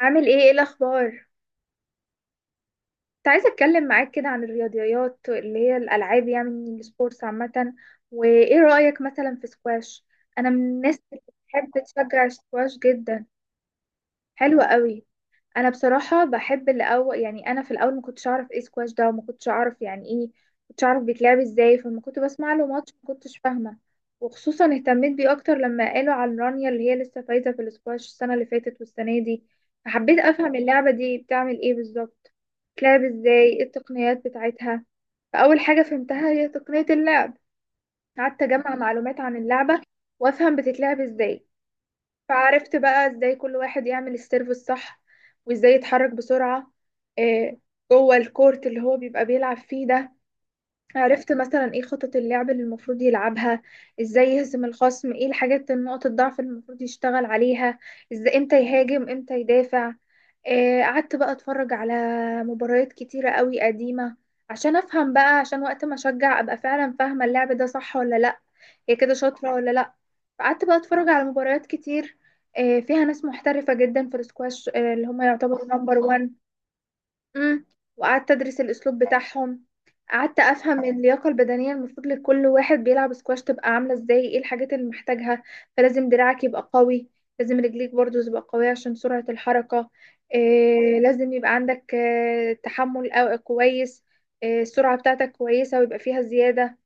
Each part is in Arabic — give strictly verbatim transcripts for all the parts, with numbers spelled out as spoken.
عامل ايه، ايه الاخبار؟ كنت عايزه اتكلم معاك كده عن الرياضيات اللي هي الالعاب، يعني السبورتس عامه. وايه رايك مثلا في سكواش؟ انا من الناس اللي بتحب تشجع السكواش جدا. حلوه قوي. انا بصراحه بحب الاول، يعني انا في الاول ما كنتش اعرف ايه سكواش ده، وما كنتش اعرف يعني ايه، ما كنتش اعرف بيتلعب ازاي، فلما كنت بسمع له ماتش ما كنتش فاهمه. وخصوصا اهتميت بيه اكتر لما قالوا عن رانيا اللي هي لسه فايزه في السكواش السنه اللي فاتت والسنه دي. فحبيت افهم اللعبه دي بتعمل ايه بالظبط، بتلعب ازاي، ايه التقنيات بتاعتها. فاول حاجه فهمتها هي تقنيه اللعب. قعدت اجمع معلومات عن اللعبه وافهم بتتلعب ازاي. فعرفت بقى ازاي كل واحد يعمل السيرف الصح، وازاي يتحرك بسرعة آه، جوه الكورت اللي هو بيبقى بيلعب فيه ده. عرفت مثلا ايه خطط اللعب اللي المفروض يلعبها، ازاي يهزم الخصم، ايه الحاجات نقط الضعف اللي المفروض يشتغل عليها، ازاي، امتى يهاجم امتى يدافع. آه، قعدت بقى اتفرج على مباريات كتيرة قوي قديمة، عشان افهم بقى، عشان وقت ما اشجع ابقى فعلا فاهمة اللعب ده صح ولا لا، هي كده شاطرة ولا لأ. فقعدت بقى اتفرج على مباريات كتير آه، فيها ناس محترفة جدا في السكواش، آه، اللي هم يعتبروا نمبر وان. مم. وقعدت أدرس الأسلوب بتاعهم. قعدت أفهم اللياقة البدنية المفروض لكل واحد بيلعب سكواش تبقى عاملة ازاي، ايه الحاجات اللي محتاجها. فلازم دراعك يبقى قوي، لازم رجليك برضو تبقى قوية عشان سرعة الحركة. آه، لازم يبقى عندك آه، تحمل أو- كويس، آه، السرعة بتاعتك كويسة ويبقى فيها زيادة.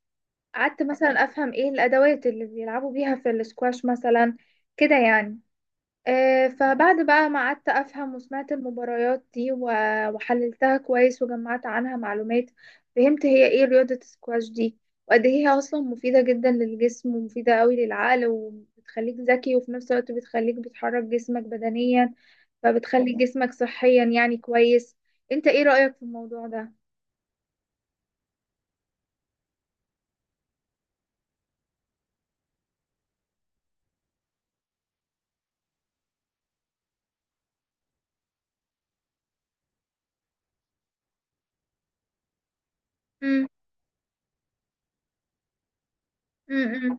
قعدت مثلا افهم ايه الادوات اللي بيلعبوا بيها في الاسكواش مثلا، كده يعني. آه، فبعد بقى ما قعدت افهم وسمعت المباريات دي و- وحللتها كويس وجمعت عنها معلومات، فهمت هي ايه رياضة السكواش دي، وقد ايه هي اصلا مفيدة جدا للجسم ومفيدة قوي للعقل وبتخليك ذكي وفي نفس الوقت بتخليك بتحرك جسمك بدنيا، فبتخلي طبعا جسمك صحيا، يعني كويس. انت ايه رأيك في الموضوع ده؟ امم، امم،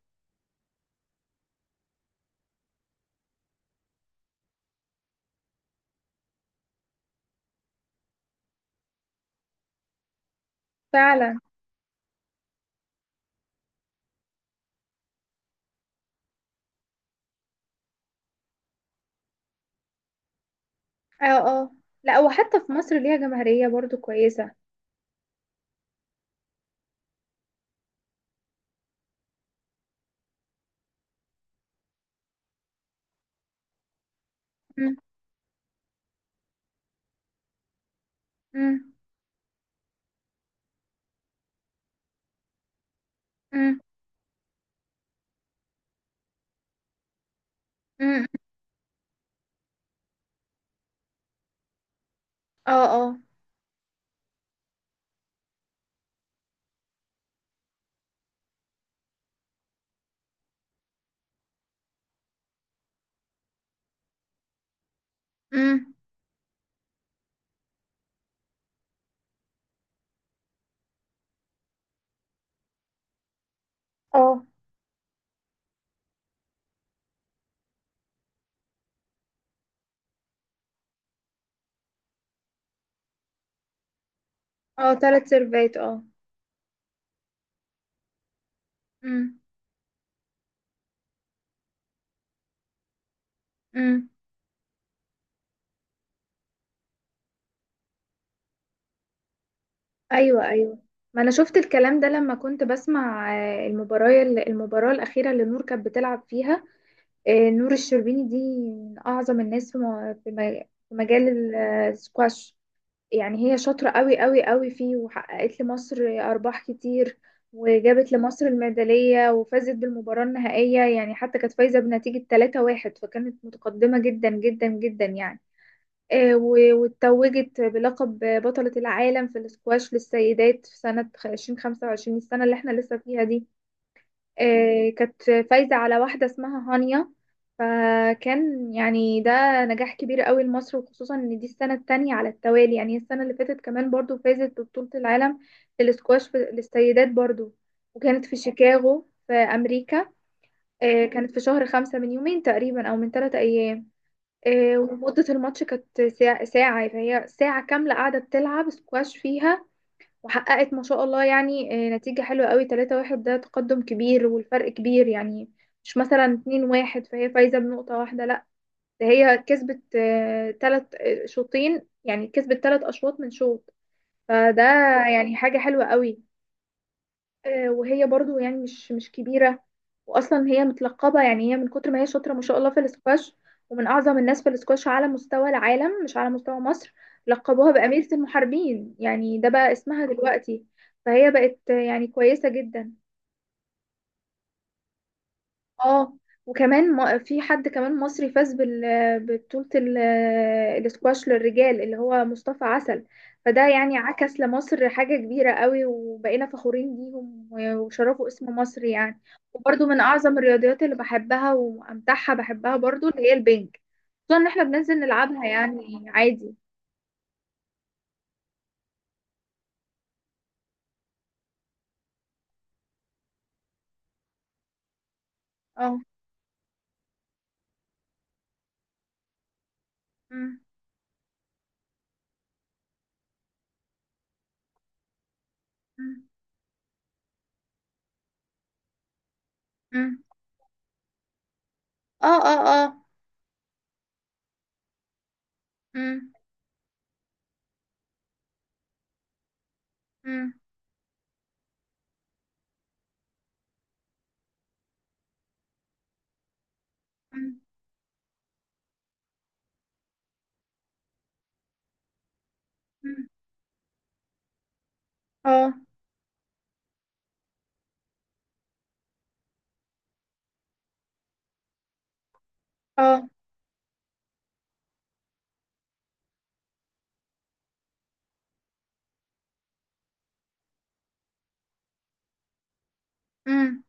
فعلا. اه، اه. لا، وحتى في مصر ليها جماهيرية برضو كويسة. مم، مم، مم، مم. اه، اه. مم، اه، اه تلات سيرفات، اه. مم، مم. ايوه، ايوه. ما انا شفت الكلام ده لما كنت بسمع آه، المباراة المباراة الأخيرة اللي نور كانت بتلعب فيها، آه، نور الشربيني دي من أعظم الناس في م- في م- في مجال السكواش. يعني هي شاطرة قوي قوي قوي فيه، وحققت لمصر أرباح كتير، وجابت لمصر الميدالية وفازت بالمباراة النهائية، يعني حتى كانت فايزة بنتيجة تلاتة واحد، فكانت متقدمة جدا جدا جدا، يعني آه، و- واتوجت بلقب بطلة العالم في الاسكواش للسيدات في سنة ألفين وخمسة وعشرين، السنة اللي احنا لسه فيها دي. آه، كانت فايزة على واحدة اسمها هانيا. فكان يعني ده نجاح كبير قوي لمصر، وخصوصا ان دي السنة التانية على التوالي، يعني السنة اللي فاتت كمان برضو فازت ببطولة العالم في الاسكواش في- للسيدات برضو، وكانت في شيكاغو في أمريكا. آه، كانت في شهر خمسة من يومين تقريبا أو من ثلاثة أيام. آه، ومدة الماتش كانت ساعة ساعة، فهي ساعة كاملة قاعدة بتلعب سكواش فيها. وحققت ما شاء الله، يعني آه، نتيجة حلوة قوي، تلاتة واحد ده تقدم كبير والفرق كبير، يعني مش مثلا اتنين واحد فهي فايزة بنقطة واحدة، لا، ده هي كسبت آه، تلت آه، شوطين، يعني كسبت تلت أشواط من شوط. فده يعني حاجة حلوة قوي. آه، وهي برضو يعني مش مش كبيرة، وأصلا هي متلقبة، يعني هي من كتر ما هي شاطرة ما شاء الله في الاسكواش، ومن أعظم الناس في الاسكواش على مستوى العالم مش على مستوى مصر. لقبوها بأميرة المحاربين، يعني ده بقى اسمها دلوقتي. فهي بقت آه، يعني كويسة جدا. اه. وكمان ما- في حد كمان مصري فاز بال ببطولة ال- الاسكواش للرجال اللي هو مصطفى عسل. فده يعني عكس لمصر حاجة كبيرة قوي، وبقينا فخورين بيهم و- وشرفوا اسم مصر، يعني. وبرضو من أعظم الرياضيات اللي بحبها وأمتعها بحبها برضو اللي هي البنج، خصوصا إن احنا بننزل نلعبها يعني عادي. اه، أمم، أمم، أمم. اه، اه، اه. أمم، أمم، أمم، أمم. اه، اه. أمم،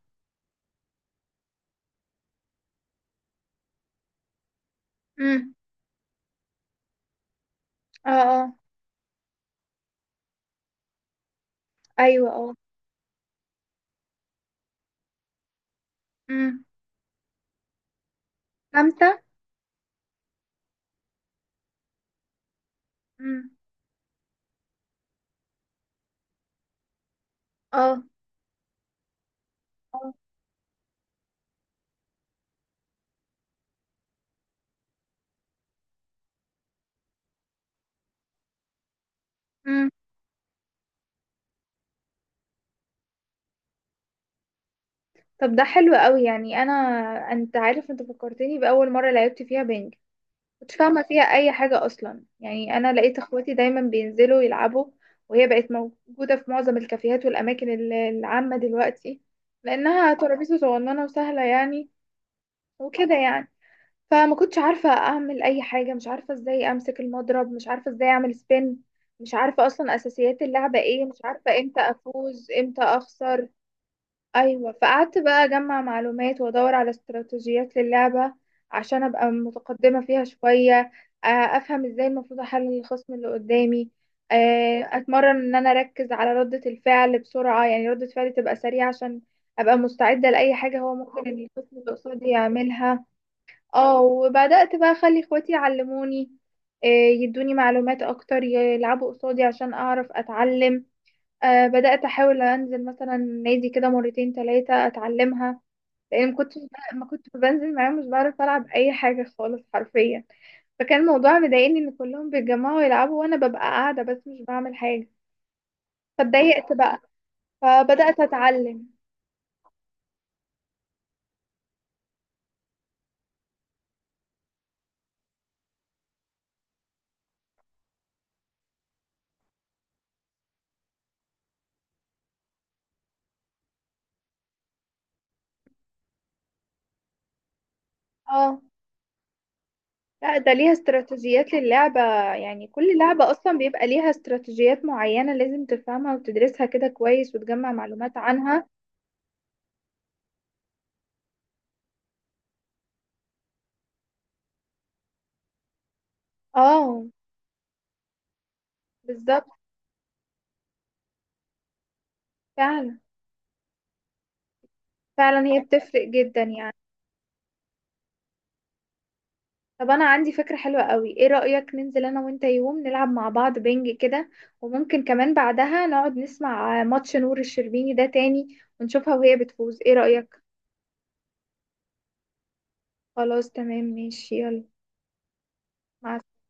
أمم. اه، اه. ايوه، اه. امم، خمسة، امم. اه، اه. امم. طب، ده حلو قوي، يعني انا، انت عارف، انت فكرتني باول مره لعبت فيها بينج، كنت فاهمه فيها اي حاجه اصلا، يعني انا لقيت اخواتي دايما بينزلوا يلعبوا، وهي بقت موجوده في معظم الكافيهات والاماكن ال- العامه دلوقتي، لانها ترابيزه صغننه وسهله، يعني، وكده يعني. فما كنتش عارفة اعمل اي حاجة، مش عارفة ازاي امسك المضرب، مش عارفة ازاي اعمل سبين، مش عارفة اصلا اساسيات اللعبة ايه، مش عارفة امتى افوز امتى اخسر. ايوه، فقعدت بقى اجمع معلومات وادور على استراتيجيات للعبة عشان ابقى متقدمة فيها شوية. آه، افهم ازاي المفروض احلل الخصم اللي قدامي. آه، اتمرن ان انا اركز على ردة الفعل بسرعة، يعني ردة فعلي تبقى سريعة عشان ابقى مستعدة لاي حاجة هو ممكن إن الخصم اللي قصادي يعملها. اه. وبدأت بقى اخلي اخواتي يعلموني، آه، يدوني معلومات اكتر، يلعبوا قصادي عشان اعرف اتعلم. آه، بدأت احاول انزل مثلا نادي كده مرتين تلاتة اتعلمها، لان ما كنتش بقى- ما كنت بنزل معاهم مش بعرف العب اي حاجة خالص حرفيا. فكان الموضوع مضايقني ان كلهم بيتجمعوا يلعبوا وانا ببقى قاعدة بس مش بعمل حاجة، فاتضايقت بقى، فبدأت اتعلم. اه، لا، ده ليها استراتيجيات للعبة، يعني كل لعبة أصلا بيبقى ليها استراتيجيات معينة لازم تفهمها وتدرسها كده كويس وتجمع معلومات عنها. اه، بالظبط. فعلا. فعلا هي بتفرق جدا، يعني. طب أنا عندي فكرة حلوة قوي، ايه رأيك ننزل أنا وأنت يوم نلعب مع بعض بينج كده، وممكن كمان بعدها نقعد نسمع ماتش نور الشربيني ده تاني ونشوفها وهي بتفوز، ايه رأيك؟ خلاص، تمام، ماشي، يلا، مع